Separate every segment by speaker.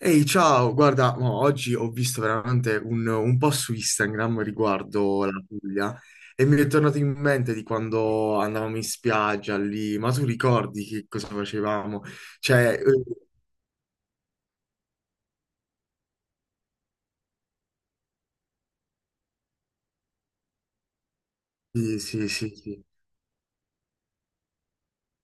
Speaker 1: Ehi, ciao, guarda, mo, oggi ho visto veramente un po' su Instagram riguardo la Puglia e mi è tornato in mente di quando andavamo in spiaggia lì, ma tu ricordi che cosa facevamo? Cioè, sì, sì, sì, sì.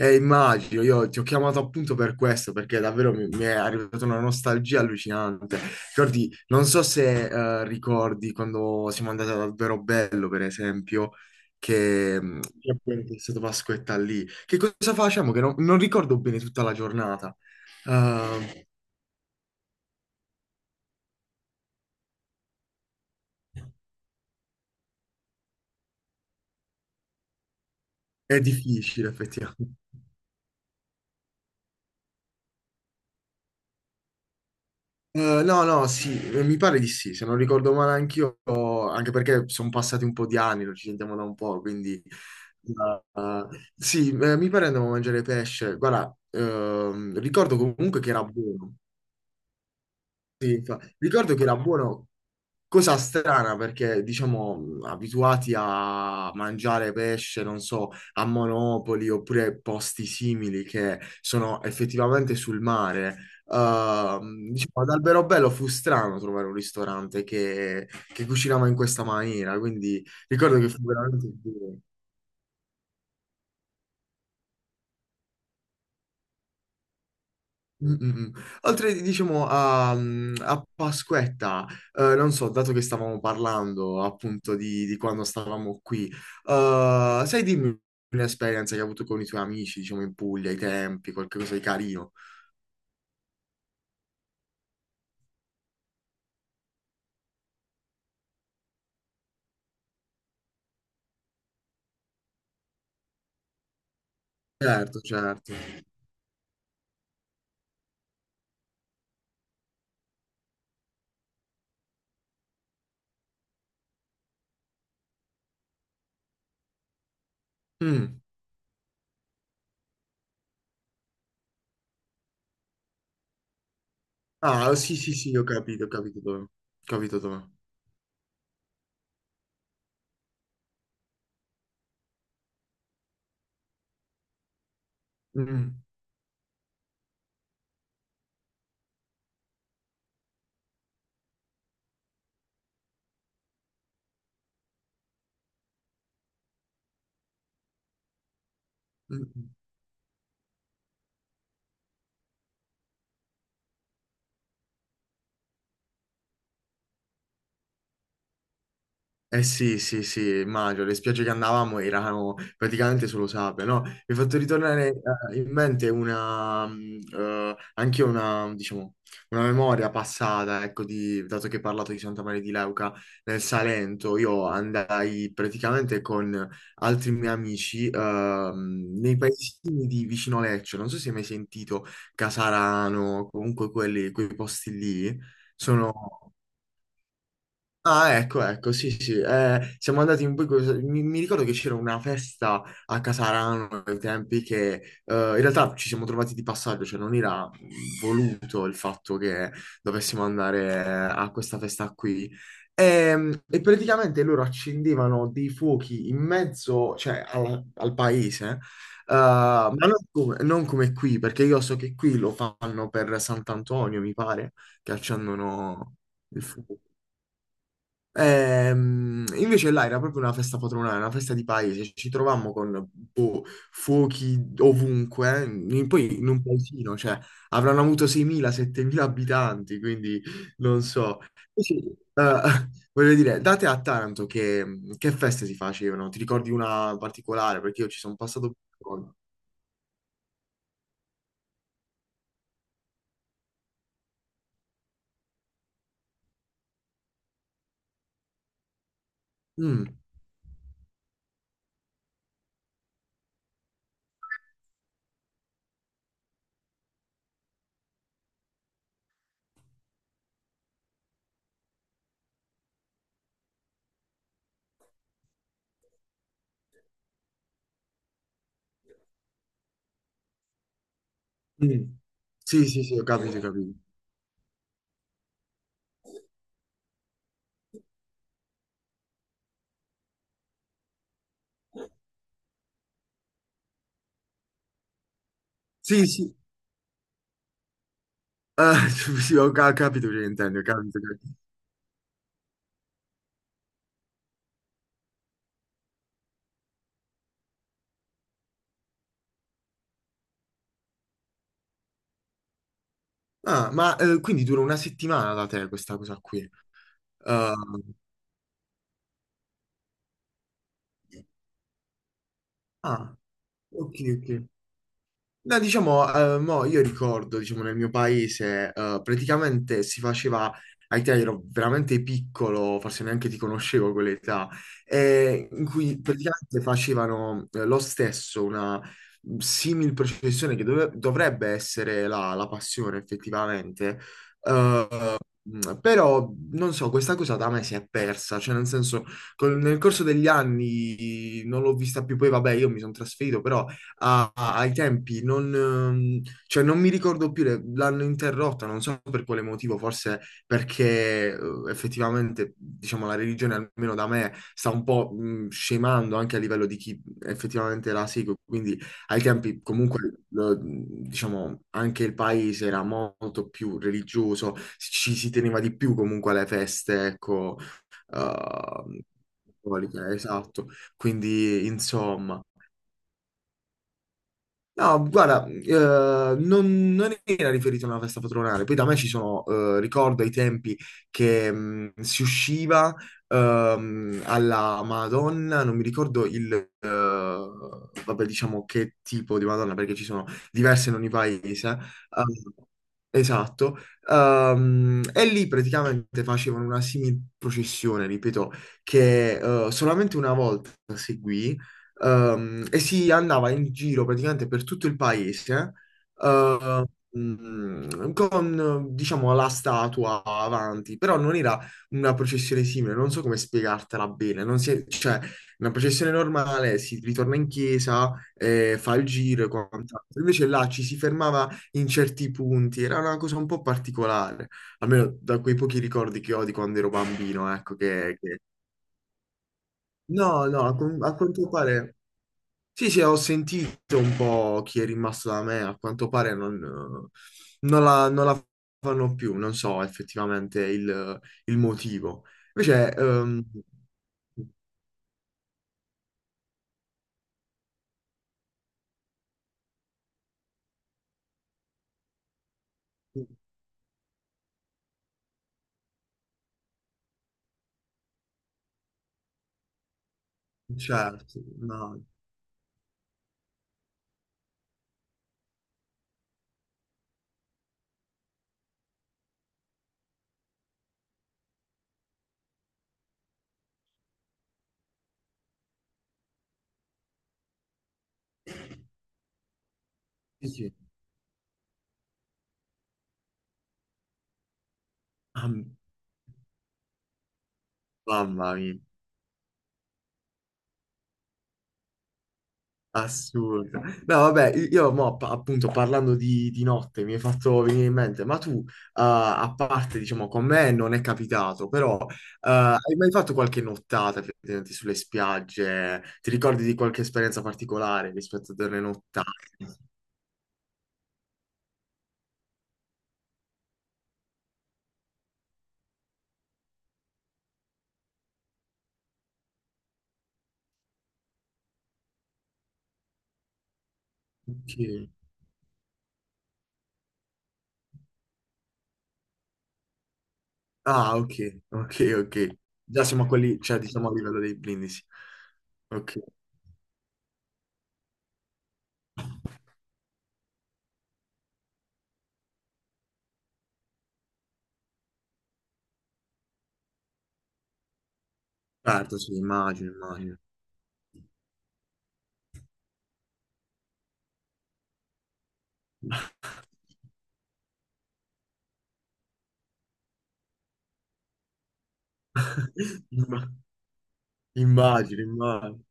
Speaker 1: Immagino, io ti ho chiamato appunto per questo, perché davvero mi è arrivata una nostalgia allucinante. Ricordi, non so se ricordi quando siamo andati ad Alberobello, per esempio, che appunto è stata Pasquetta lì. Che cosa facciamo? Che non ricordo bene tutta la giornata. Eh, è difficile, effettivamente. No, no, sì, mi pare di sì, se non ricordo male anch'io, anche perché sono passati un po' di anni, non ci sentiamo da un po', quindi sì, mi pare andavo a mangiare pesce. Guarda, ricordo comunque che era buono. Sì, ricordo che era buono. Cosa strana perché, diciamo, abituati a mangiare pesce, non so, a Monopoli oppure posti simili che sono effettivamente sul mare, diciamo, ad Alberobello fu strano trovare un ristorante che cucinava in questa maniera, quindi ricordo che fu veramente. Mm, mm, mm. Oltre, diciamo, a Pasquetta, non so, dato che stavamo parlando appunto di quando stavamo qui, sai dimmi un'esperienza che hai avuto con i tuoi amici, diciamo, in Puglia, ai tempi, qualcosa di carino. Certo, certo. Mm. Ah, sì, sì, sì, ho capito dove. Ho capito dove. Mm. Mm. Mm. Eh sì, sì, sì, immagino, le spiagge che andavamo erano praticamente solo sabbia, no? Mi è fatto ritornare in mente una, diciamo, una memoria passata, ecco, dato che hai parlato di Santa Maria di Leuca nel Salento, io andai praticamente con altri miei amici nei paesini di vicino Lecce, non so se hai mai sentito Casarano, comunque quelli, quei posti lì, sono. Ah, ecco, ecco, sì, sì, siamo andati un po' Mi ricordo che c'era una festa a Casarano ai tempi che in realtà ci siamo trovati di passaggio, cioè non era voluto il fatto che dovessimo andare a questa festa qui. E praticamente loro accendevano dei fuochi in mezzo, cioè al paese, ma non come qui, perché io so che qui lo fanno per Sant'Antonio, mi pare, che accendono il fuoco. Invece là era proprio una festa patronale, una festa di paese, ci trovammo con boh, fuochi ovunque, eh. Poi in un paesino, cioè avranno avuto 6.000-7.000 abitanti, quindi non so. Sì, eh, voglio dire, date a Taranto che feste si facevano, ti ricordi una particolare? Perché io ci sono passato più volte. Mm. Mm. Sì, sì, sì, ho capito, ho capito. Sì, sì, eh, sì, ho capito che intendi, ho capito. Ah, ma quindi dura una settimana da te questa cosa qui. Eh, ah, ok, ok. No, diciamo, mo io ricordo, diciamo, nel mio paese, praticamente si faceva, ai te ero veramente piccolo, forse neanche ti conoscevo a quell'età, in cui praticamente facevano lo stesso, una simil processione che dovrebbe essere la passione effettivamente. eh, Però non so, questa cosa da me si è persa, cioè nel senso, nel corso degli anni non l'ho vista più, poi vabbè, io mi sono trasferito, però ai tempi non, cioè, non mi ricordo più, l'hanno interrotta, non so per quale motivo, forse perché effettivamente, diciamo, la religione almeno da me sta un po' scemando anche a livello di chi effettivamente la segue, quindi ai tempi comunque diciamo, anche il paese era molto più religioso, ci si teneva di più comunque alle feste, ecco, eh, cattoliche, esatto. Quindi, insomma. No, guarda, non era riferito a una festa patronale. Poi da me ci sono, ricordo ai tempi che si usciva alla Madonna, non mi ricordo vabbè, diciamo che tipo di Madonna, perché ci sono diverse in ogni paese. Esatto. E lì praticamente facevano una simil processione, ripeto, che solamente una volta seguì. E si andava in giro praticamente per tutto il paese, eh, con diciamo la statua avanti, però non era una processione simile, non so come spiegartela bene, non si è- cioè una processione normale si ritorna in chiesa, fa il giro e quant'altro, invece là ci si fermava in certi punti, era una cosa un po' particolare, almeno da quei pochi ricordi che ho di quando ero bambino, ecco che, che. No, no, a quanto pare sì, sì, ho sentito un po' chi è rimasto da me, a quanto pare non, non la fanno più, non so effettivamente il motivo. Invece, certo, no, sì, sì. Ah, mamma mia. Assurda. No, vabbè, io mo, appunto parlando di notte mi hai fatto venire in mente, ma tu, a parte, diciamo, con me non è capitato, però hai mai fatto qualche nottata effettivamente sulle spiagge? Ti ricordi di qualche esperienza particolare rispetto a delle nottate? Ok. Ah, ok, ok, ok. Già siamo a quelli, cioè, diciamo, a livello dei brindisi. Ok, certo, sì, immagino, immagino. Immagino, immagino.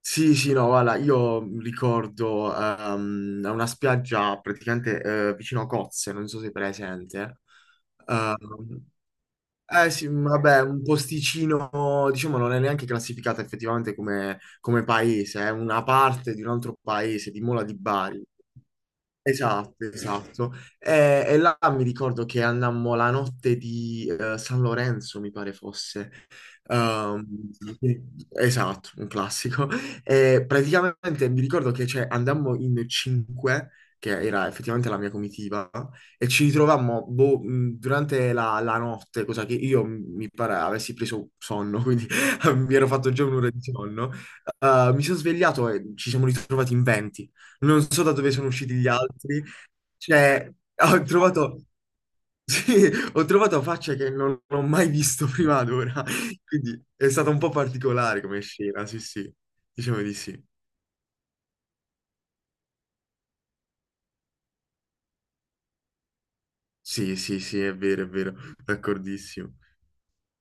Speaker 1: Sì, sì, no, guarda, io ricordo una spiaggia praticamente vicino a Cozze, non so se è presente. Ehm, eh sì, vabbè, un posticino, diciamo, non è neanche classificata effettivamente come, come paese, è una parte di un altro paese, di Mola di Bari. Esatto, esatto. E là mi ricordo che andammo la notte di San Lorenzo, mi pare fosse. Ehm, sì, esatto, un classico. E praticamente mi ricordo che cioè, andammo in cinque, che era effettivamente la mia comitiva, e ci ritrovammo boh, durante la notte, cosa che io mi pare avessi preso sonno, quindi mi ero fatto già un'ora di sonno. Mi sono svegliato e ci siamo ritrovati in 20. Non so da dove sono usciti gli altri. Cioè, ho trovato, sì, ho trovato facce che non ho mai visto prima ad ora. Quindi è stata un po' particolare come scena, sì, sì. Diciamo di sì. Sì, sì, sì, è vero, è vero. D'accordissimo.